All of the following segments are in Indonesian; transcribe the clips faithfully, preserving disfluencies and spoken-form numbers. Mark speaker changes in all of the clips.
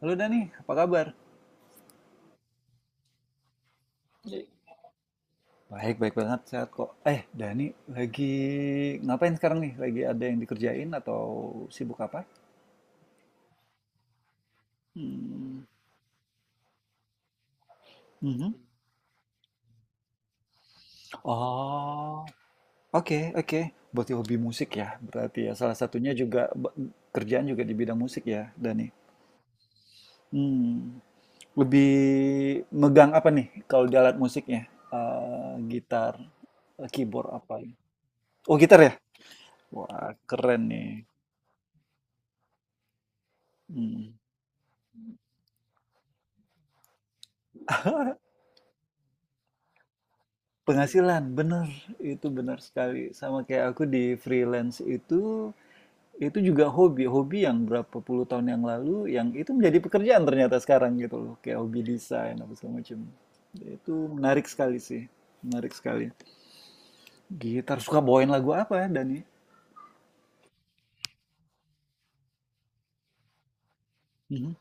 Speaker 1: Halo Dani, apa kabar? Iya. Baik, baik banget, sehat kok. Eh, Dani, lagi ngapain sekarang nih? Lagi ada yang dikerjain atau sibuk apa? Hmm. Mhm. Oh, oke, oke. Berarti hobi musik ya, berarti ya. Salah satunya juga b- kerjaan juga di bidang musik ya, Dani. Hmm. Lebih megang apa nih kalau di alat musiknya? Eh, gitar, eh, keyboard apa? Oh, gitar ya? Wah, keren nih. Hmm. Penghasilan, bener. Itu bener sekali. Sama kayak aku di freelance itu, itu juga hobi. Hobi yang berapa puluh tahun yang lalu, yang itu menjadi pekerjaan ternyata sekarang gitu loh. Kayak hobi desain, apa segala macam. Itu menarik sekali sih. Menarik sekali. Gitar, suka bawain lagu apa ya, Dani? Mhm.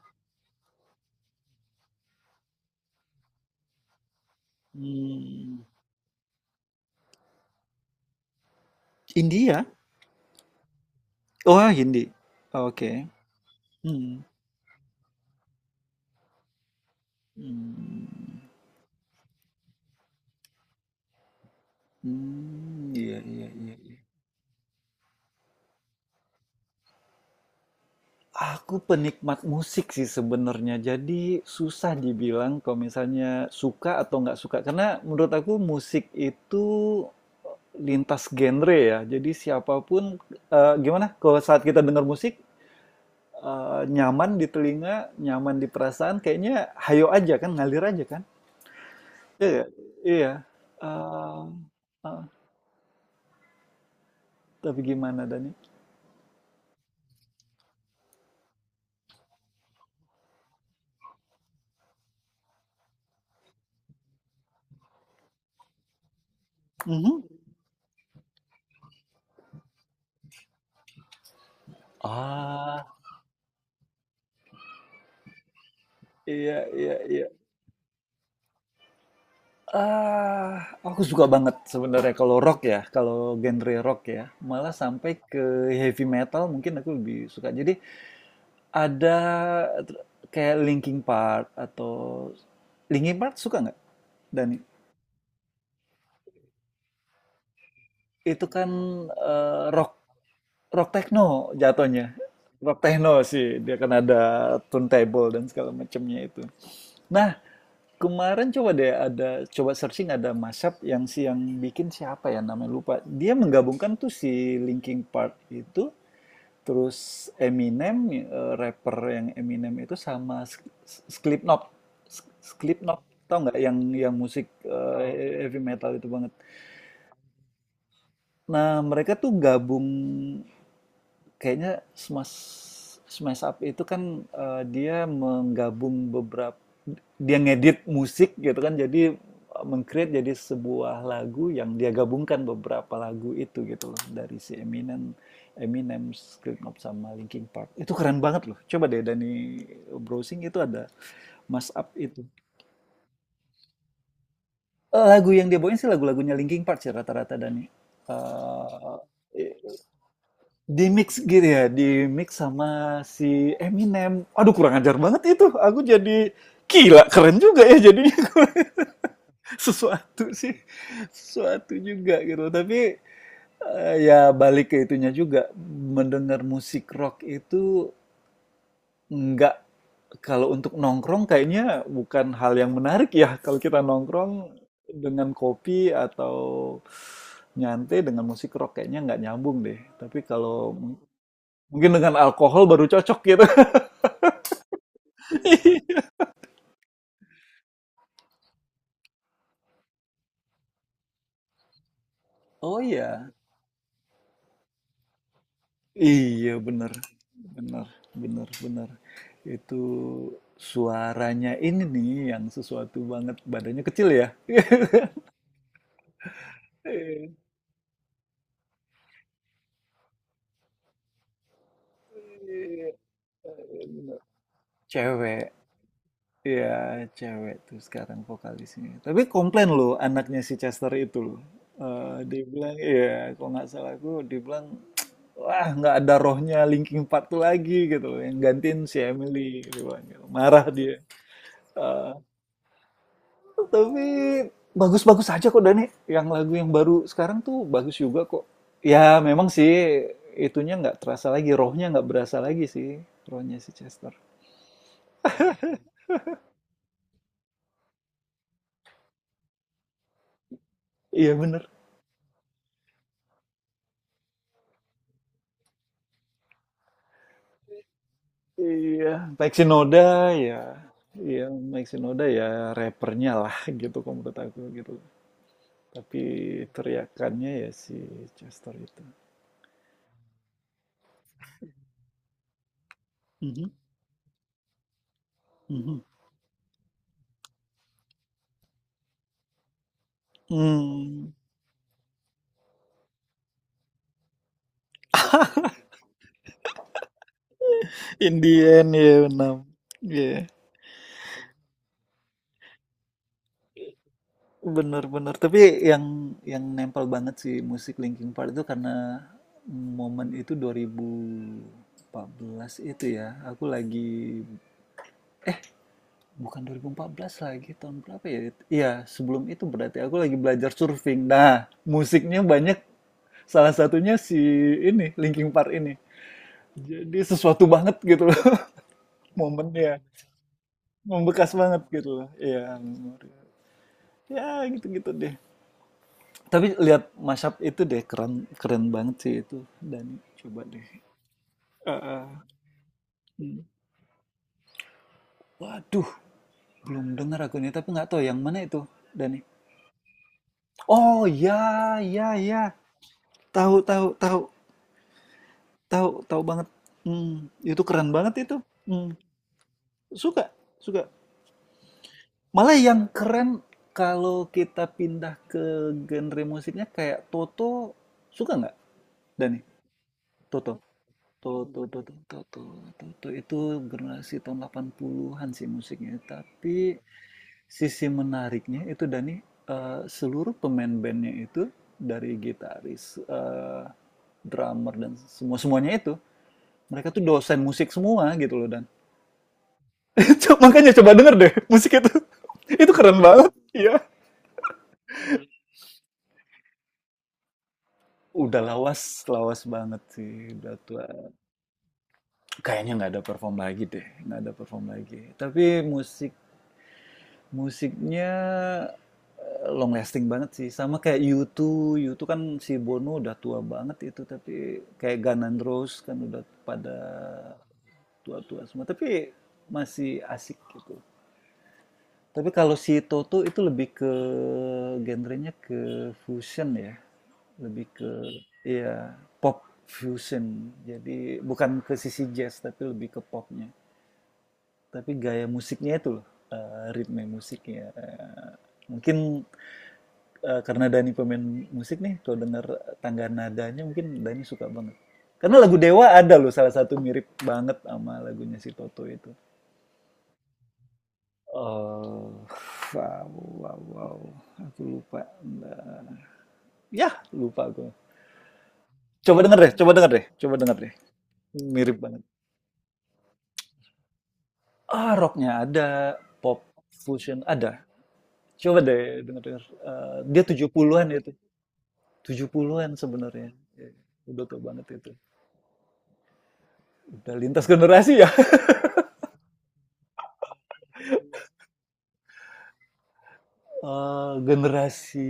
Speaker 1: Hmm. India? Oh, Hindi. Oke. Hmm. Hmm. Hmm, iya, iya, iya, iya. Aku penikmat musik sih sebenarnya, jadi susah dibilang kalau misalnya suka atau nggak suka. Karena menurut aku musik itu eh, lintas genre ya. Jadi siapapun, eh, gimana? Kalau saat kita dengar musik, eh, nyaman di telinga, nyaman di perasaan, kayaknya hayo aja kan, ngalir aja kan. Iya, nggak? Iya. Eh, eh, tapi gimana Dani? Mhm. Ah, iya, iya, iya. Ah, aku suka banget sebenarnya kalau rock ya, kalau genre rock ya, malah sampai ke heavy metal mungkin aku lebih suka. Jadi ada ter kayak Linkin Park atau Linkin Park suka nggak, Dani? Itu kan, eee, rock rock techno jatuhnya, rock techno sih, dia kan ada turntable dan segala macamnya itu. Nah, kemarin coba deh ada coba searching ada mashup yang si yang bikin siapa ya namanya lupa. Dia menggabungkan tuh si Linkin Park itu terus Eminem eh, rapper yang Eminem itu sama S- S- Slipknot. S- Slipknot tau nggak yang yang musik eh, heavy metal itu banget. Nah, mereka tuh gabung. Kayaknya Smash Smash Up itu kan, eee, dia menggabung beberapa dia ngedit musik gitu kan, jadi, eee, meng-create jadi sebuah lagu yang dia gabungkan beberapa lagu itu gitu loh, dari si Eminem Eminem, Slipknot, sama Linkin Park. Itu keren banget loh, coba deh Dani browsing itu ada Smash up itu. Eee, lagu yang dia bawain sih lagu-lagunya Linkin Park sih rata-rata Dani, eee, di mix gitu ya, di mix sama si Eminem. Aduh, kurang ajar banget itu. Aku jadi gila, keren juga ya jadinya. Sesuatu sih, sesuatu juga gitu. Tapi eh, ya balik ke itunya juga. Mendengar musik rock itu nggak, kalau untuk nongkrong kayaknya bukan hal yang menarik ya. Kalau kita nongkrong dengan kopi atau nyantai dengan musik rock kayaknya nggak nyambung deh. Tapi kalau mungkin dengan alkohol baru cocok gitu. Oh iya. Iya, bener. Bener, bener, bener. Itu suaranya ini nih yang sesuatu banget. Badannya kecil ya. Cewek. Iya, cewek tuh sekarang vokalisnya. Tapi komplain loh anaknya si Chester itu loh. Eh, dia bilang, iya, kalau nggak salah aku, dia bilang wah nggak ada rohnya Linkin Park tuh lagi gitu loh, yang gantiin si Emily dia bilang gitu. Marah dia. Ah, tapi bagus-bagus aja kok Dani. Yang lagu yang baru sekarang tuh bagus juga kok. Ya memang sih itunya nggak terasa lagi, rohnya nggak berasa lagi sih, rohnya si Chester. Iya bener. Iya, Mike Shinoda ya. Iya, Mike Shinoda ya rappernya lah gitu kalau menurut aku gitu. Tapi teriakannya ya si Chester itu. Mhm, mhm. Hmm, Indian ya benar. Iya, benar-benar. Tapi yang yang nempel banget sih musik Linkin Park itu karena momen itu dua ribu empat belas itu ya. Aku lagi bukan dua ribu empat belas lagi tahun berapa ya? Iya, sebelum itu berarti aku lagi belajar surfing. Nah, musiknya banyak salah satunya si ini Linkin Park ini. Jadi sesuatu banget gitu loh momennya. Membekas banget gitu loh. Iya, ya gitu-gitu deh tapi lihat mashup itu deh keren, keren banget sih itu dan coba deh. Eh, eh, hmm. Waduh, belum dengar aku ini tapi nggak tahu yang mana itu Dani. Oh ya, ya ya, tahu tahu tahu, tahu tahu banget. Hmm, itu keren banget itu. Hmm, suka, suka, malah yang keren kalau kita pindah ke genre musiknya kayak Toto suka nggak Dani. Toto, tuh tuh tuh tuh tuh tuh, tuh tuh, itu generasi tahun delapan puluhan-an sih musiknya. Tapi sisi menariknya itu Dani, eh, seluruh pemain bandnya itu dari gitaris, eh, drummer dan semua semuanya itu mereka tuh dosen musik semua gitu loh dan Co- makanya coba denger deh musik itu itu keren banget, iya. Udah lawas, lawas banget sih udah tua, kayaknya nggak ada perform lagi deh, nggak ada perform lagi tapi musik musiknya, eee, long lasting banget sih, sama kayak U two. U two kan si Bono udah tua banget itu, tapi kayak Guns N' Roses kan udah pada tua-tua semua, tapi masih asik gitu. Tapi kalau si Toto itu lebih ke genrenya ke fusion ya, lebih ke iya, pop fusion. Jadi bukan ke sisi jazz, tapi lebih ke popnya. Tapi gaya musiknya itu loh, eh, ritme musiknya. Eh, mungkin eh, karena Dani pemain musik nih, kalau dengar tangga nadanya mungkin Dani suka banget. Karena lagu Dewa ada loh salah satu mirip banget sama lagunya si Toto itu. Oh, wow, wow, wow. Aku lupa. Nah, ya, lupa aku. Coba denger deh, coba denger deh, coba denger deh. Mirip banget. Ah, rocknya ada, pop fusion ada. Coba deh denger-denger. Eh, dia tujuh puluhan-an itu. Tujuh puluhan sebenarnya. Ya, udah tua banget itu. Udah lintas generasi ya. Eh, generasi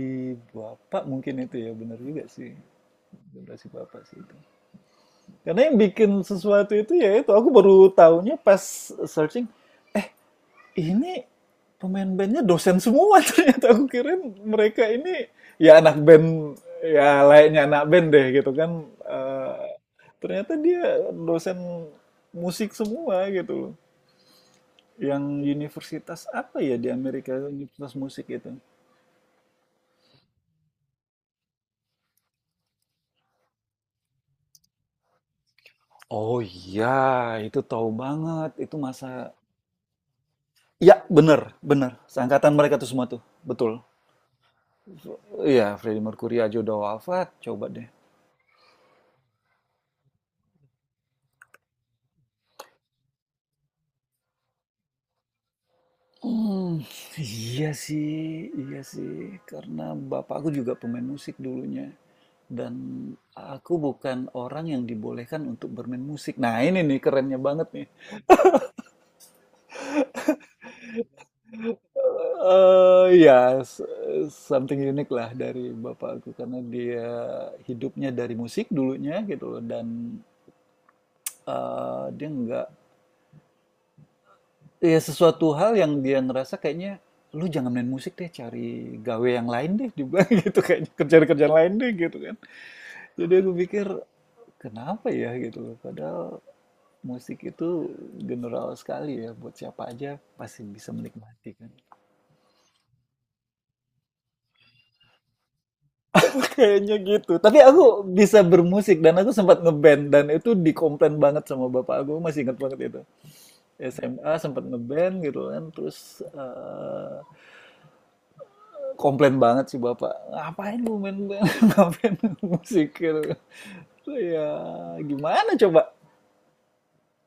Speaker 1: bapak mungkin itu ya benar juga sih. Generasi bapak sih itu. Karena yang bikin sesuatu itu ya itu aku baru tahunya pas searching ini pemain bandnya dosen semua ternyata aku kira mereka ini ya anak band ya layaknya anak band deh gitu kan. Eh, ternyata dia dosen musik semua gitu loh. Yang universitas apa ya di Amerika, universitas musik itu? Oh iya, itu tahu banget. Itu masa. Ya, bener, bener. Seangkatan mereka tuh semua tuh. Betul. Iya, Freddie Mercury aja udah wafat. Coba deh. Hmm, iya sih, iya sih. Karena bapakku juga pemain musik dulunya. Dan aku bukan orang yang dibolehkan untuk bermain musik. Nah, ini nih kerennya banget nih. Eee, iya, s something unique lah dari bapakku karena dia hidupnya dari musik dulunya gitu loh dan, eee, dia nggak, ya sesuatu hal yang dia ngerasa kayaknya, "Lu jangan main musik deh, cari gawe yang lain deh," juga gitu, "kayaknya kerjaan-kerjaan lain deh," gitu kan. Jadi aku pikir, "Kenapa ya?" Gitu loh, padahal musik itu general sekali ya buat siapa aja pasti bisa menikmati kan. Kayaknya gitu. Tapi aku bisa bermusik dan aku sempat ngeband dan itu dikomplain banget sama bapak aku. Masih ingat banget itu. S M A sempat ngeband gitu kan terus eh, komplain banget sih bapak. Ngapain lu main band? Ngapain lu musik gitu. Ya gimana coba?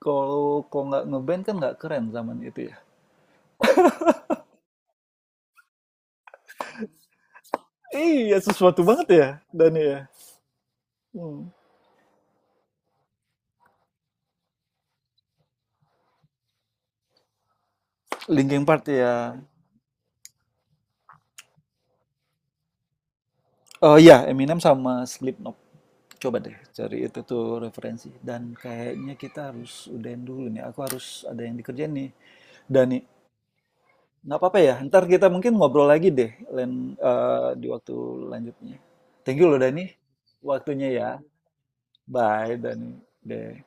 Speaker 1: Kalau kok nggak ngeband kan nggak keren zaman itu ya. Iya sesuatu banget ya Dani ya. Hmm. Linkin Park ya. Oh iya Eminem sama Slipknot. Coba deh cari itu tuh referensi dan kayaknya kita harus udahin dulu nih. Aku harus ada yang dikerjain nih. Dani, nggak apa-apa ya. Ntar kita mungkin ngobrol lagi deh lain eh, di waktu lanjutnya. Thank you loh Dani, waktunya ya. Bye Dani. Deh.